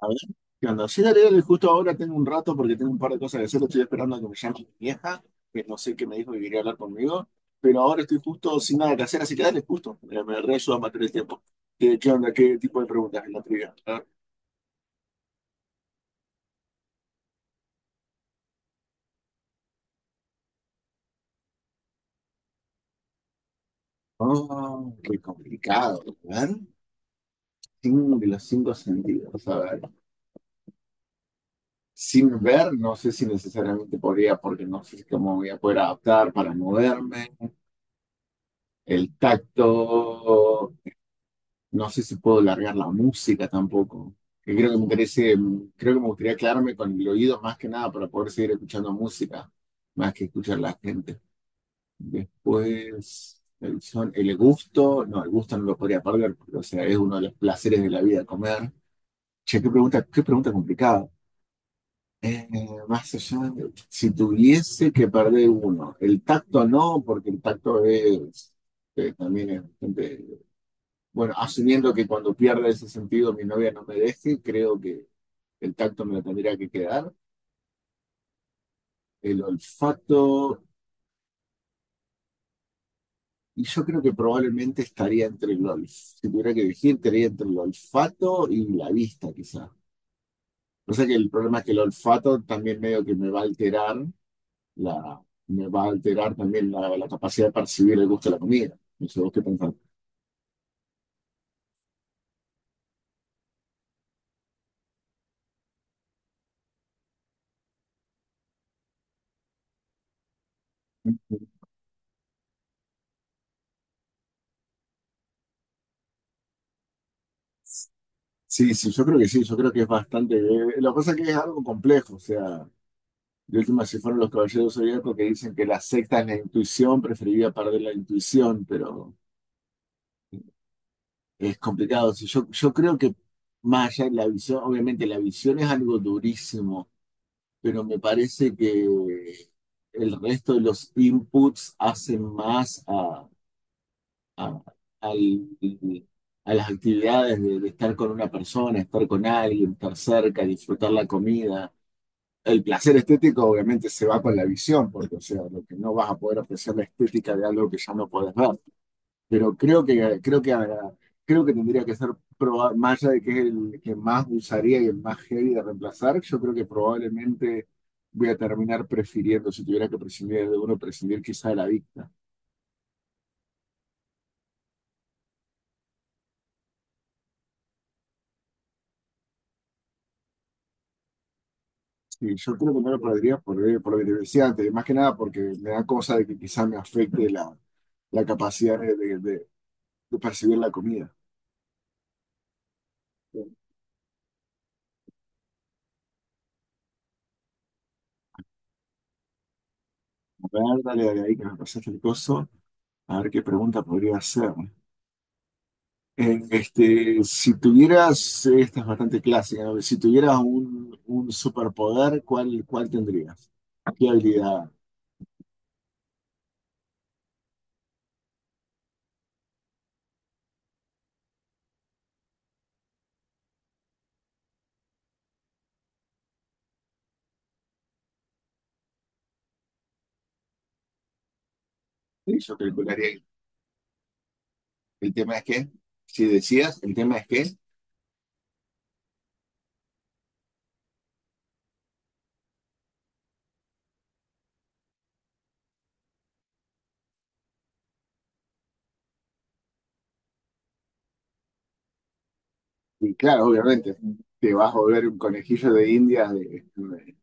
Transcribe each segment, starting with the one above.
A ver, ¿qué onda? Sí, dale, dale, justo ahora tengo un rato porque tengo un par de cosas que hacer. Estoy esperando a que me llame mi vieja, que no sé qué me dijo que quería hablar conmigo, pero ahora estoy justo sin nada que hacer, así que dale, justo. Me reayuda a matar el tiempo. ¿Qué onda? ¿Qué tipo de preguntas en la trivia? A ver. Oh, qué complicado. A ver, sin de los cinco sentidos. A ver, sin ver, no sé si necesariamente podría, porque no sé cómo voy a poder adaptar para moverme. El tacto. No sé si puedo largar la música tampoco. Que creo que me interese, creo que me gustaría quedarme con el oído más que nada para poder seguir escuchando música, más que escuchar la gente. Después, el, son, el gusto no lo podría perder, porque, o sea, es uno de los placeres de la vida comer. Che, qué pregunta complicada. Eh, Más allá de- si tuviese que perder uno, el tacto no, porque el tacto es, también es bastante bueno, asumiendo que cuando pierda ese sentido mi novia no me deje, creo que el tacto me lo tendría que quedar. El olfato, y yo creo que probablemente estaría entre el olfato, si tuviera que elegir, estaría entre el olfato y la vista, quizá. O sea que el problema es que el olfato también medio que me va a alterar la, me va a alterar también la capacidad de percibir el gusto de la comida. No sé, ¿vos qué pensás? Sí, sí, yo creo que sí, yo creo que es bastante. Lo que pasa es que es algo complejo, o sea. De última se fueron los caballeros zodiacos que dicen que la secta es la intuición, preferiría perder la intuición, pero es complicado. Si yo, yo creo que más allá de la visión, obviamente la visión es algo durísimo, pero me parece que el resto de los inputs hacen más a, a- al- a las actividades de estar con una persona, estar con alguien, estar cerca, disfrutar la comida. El placer estético obviamente se va con la visión, porque o sea, lo que no vas a poder apreciar la estética de algo que ya no podés ver. Pero creo que, creo que, creo que tendría que ser, más allá de que es el que más usaría y el más heavy de reemplazar, yo creo que probablemente voy a terminar prefiriendo, si tuviera que prescindir de uno, prescindir quizá de la vista. Sí, yo creo que no lo podría por lo que te decía antes, y más que nada porque me da cosa de que quizá me afecte la, la capacidad de, de percibir la comida. A ver, dale, dale ahí que me pasaste el coso. A ver qué pregunta podría hacer. Si tuvieras, esta es bastante clásica, ¿no? Si tuvieras un superpoder, ¿cuál, cuál tendrías? ¿Qué habilidad? Sí, yo calcularía. El tema es que, si decías, el tema es que, y claro, obviamente, te vas a volver un conejillo de indias, de,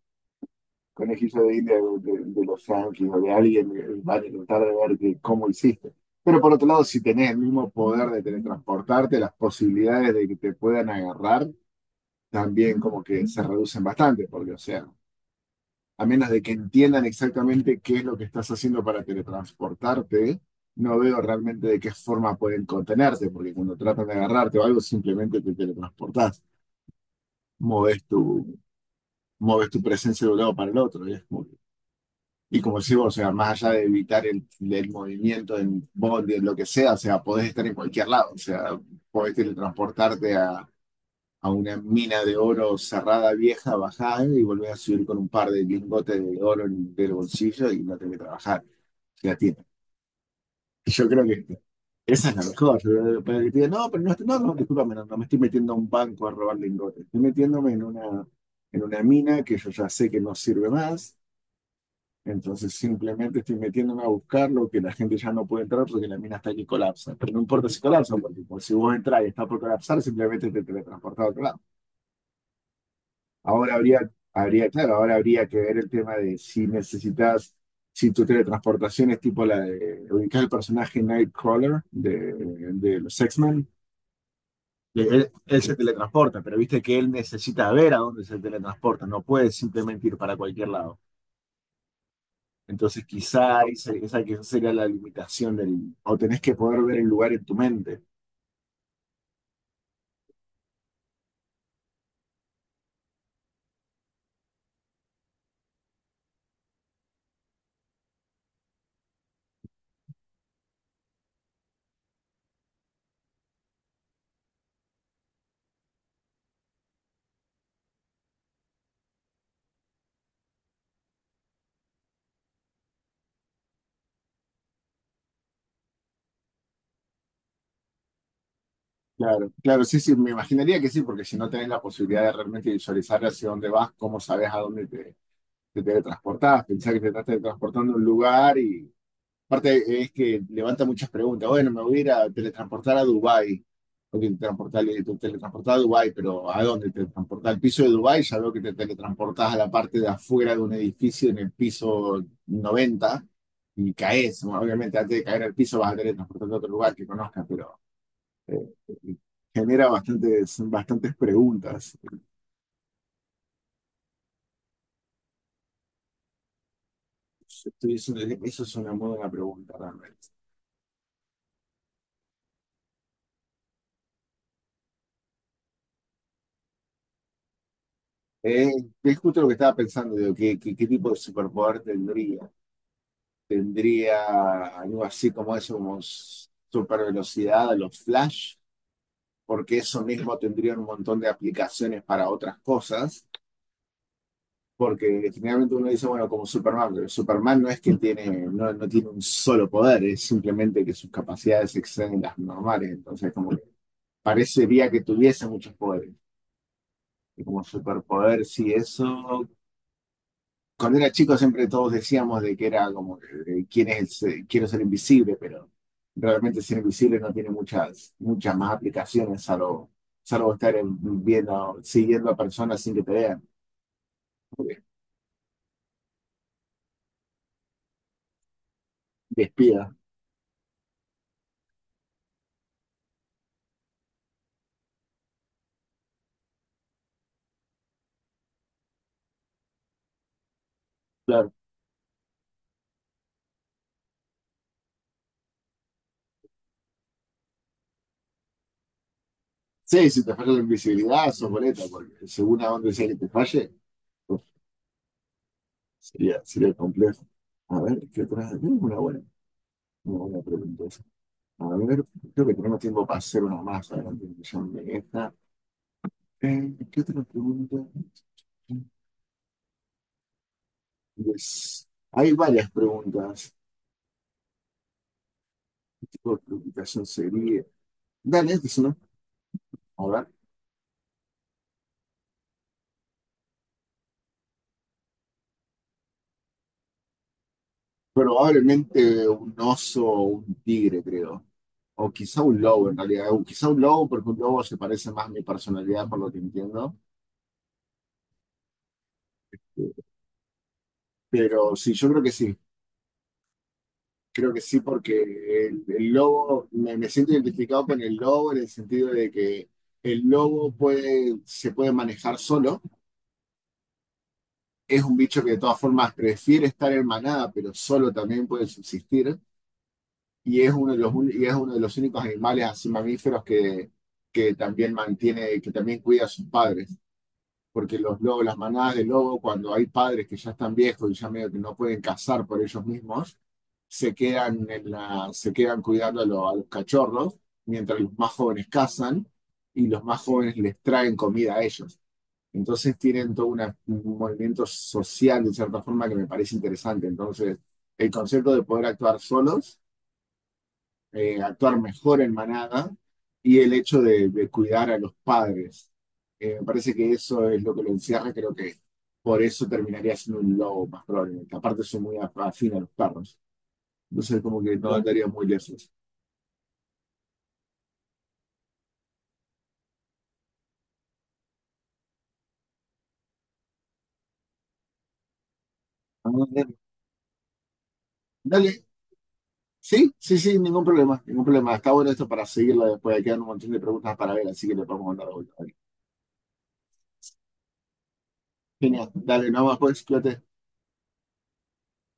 conejillo de indias de, de los yanquis o de alguien, van a intentar de ver que- cómo hiciste. Pero por otro lado, si tenés el mismo poder de teletransportarte, las posibilidades de que te puedan agarrar también como que se reducen bastante, porque, o sea, a menos de que entiendan exactamente qué es lo que estás haciendo para teletransportarte, no veo realmente de qué forma pueden contenerte, porque cuando tratan de agarrarte o algo, simplemente te teletransportás, moves tu, moves tu presencia de un lado para el otro, y es como que- y como decís vos, o sea, más allá de evitar el movimiento en bondi, en lo que sea, o sea, podés estar en cualquier lado, o sea, podés teletransportarte a una mina de oro cerrada, vieja, bajada, y volvés a subir con un par de lingotes de oro en el bolsillo y no tenés que trabajar. Ya tiene. Yo creo que este, esa es la mejor. Pero que te digan, no, pero no, no, no, discúlpame, no, no me estoy metiendo a un banco a robar lingotes. Estoy metiéndome en una mina que yo ya sé que no sirve más. Entonces simplemente estoy metiéndome a buscar lo que la gente ya no puede entrar porque la mina está aquí colapsa. Pero no importa si colapsa, porque, pues, si vos entras y está por colapsar, simplemente te teletransportás a otro lado. Ahora habría, habría, claro, ahora habría que ver el tema de si necesitas, si tu teletransportación es tipo la de ubicar el personaje Nightcrawler de los X-Men. Que él se teletransporta, pero viste que él necesita ver a dónde se teletransporta, no puede simplemente ir para cualquier lado. Entonces quizá esa, esa quizá sería la limitación del... O tenés que poder ver el lugar en tu mente. Claro, claro, sí, sí, me imaginaría que sí, porque si no tenés la posibilidad de realmente visualizar hacia dónde vas, ¿cómo sabes a dónde te teletransportás, pensás que te estás teletransportando a un lugar y aparte es que levanta muchas preguntas. Bueno, me voy a ir a teletransportar a Dubái. O que te transportás- te teletransportás a Dubái, pero ¿a dónde? Te teletransportás al piso de Dubái, ya veo que te teletransportás a la parte de afuera de un edificio en el piso 90 y caes. Bueno, obviamente antes de caer al piso vas a teletransportarte a otro lugar que conozcas, pero eh, genera bastantes, bastantes preguntas. Eso es una muy buena pregunta realmente. Eh, es justo lo que estaba pensando, digo, ¿qué, qué, qué tipo de superpoder tendría? ¿Tendría algo así como eso, como super velocidad a los Flash? Porque eso mismo tendría un montón de aplicaciones para otras cosas. Porque generalmente uno dice, bueno, como Superman, pero Superman no es que tiene, no, no tiene un solo poder, es simplemente que sus capacidades exceden las normales. Entonces, como que parecería que tuviese muchos poderes. Y como superpoder, sí, eso. Cuando era chico siempre todos decíamos de que era como, ¿quién es? Quiero ser invisible, pero realmente ser invisible no tiene muchas, muchas más aplicaciones, salvo, salvo estar en- viendo, siguiendo a personas sin que te vean, porque de espía, claro. Sí, si te falla la invisibilidad, sos boleta, porque según a dónde sea que te falle, uf, sería, sería complejo. A ver, ¿qué otra? Tenemos una buena pregunta. Esa. A ver, creo que tenemos tiempo para hacer una más. Adelante, que ya me deja. ¿Qué otra pregunta? Pues, hay varias preguntas. ¿Qué tipo de preocupación sería? Dale, esta es una. A ver. Probablemente un oso o un tigre, creo. O quizá un lobo, en realidad. O quizá un lobo, porque un lobo se parece más a mi personalidad, por lo que entiendo. Pero sí, yo creo que sí. Creo que sí, porque el lobo, me siento identificado con el lobo en el sentido de que el lobo puede, se puede manejar solo. Es un bicho que de todas formas prefiere estar en manada, pero solo también puede subsistir, y es uno de los, y es uno de los únicos animales así mamíferos que también mantiene, que también cuida a sus padres, porque los lobos, las manadas de lobo, cuando hay padres que ya están viejos y ya medio que no pueden cazar por ellos mismos, se quedan, en la, se quedan cuidando a, a los cachorros, mientras los más jóvenes cazan, y los más jóvenes les traen comida a ellos. Entonces tienen todo un movimiento social, de cierta forma, que me parece interesante. Entonces, el concepto de poder actuar solos, actuar mejor en manada y el hecho de cuidar a los padres. Me parece que eso es lo que lo encierra. Creo que por eso terminaría siendo un lobo más probablemente. Aparte, soy muy afín a los perros. Entonces, como que no Claro. andaría muy lejos. Vamos. Dale, sí, sí, sí, ningún problema, ningún problema. Está bueno esto para seguirlo después. Quedan un montón de preguntas para ver, así que le podemos mandar a vuelta. Genial. Dale, nada más, pues, cuídate.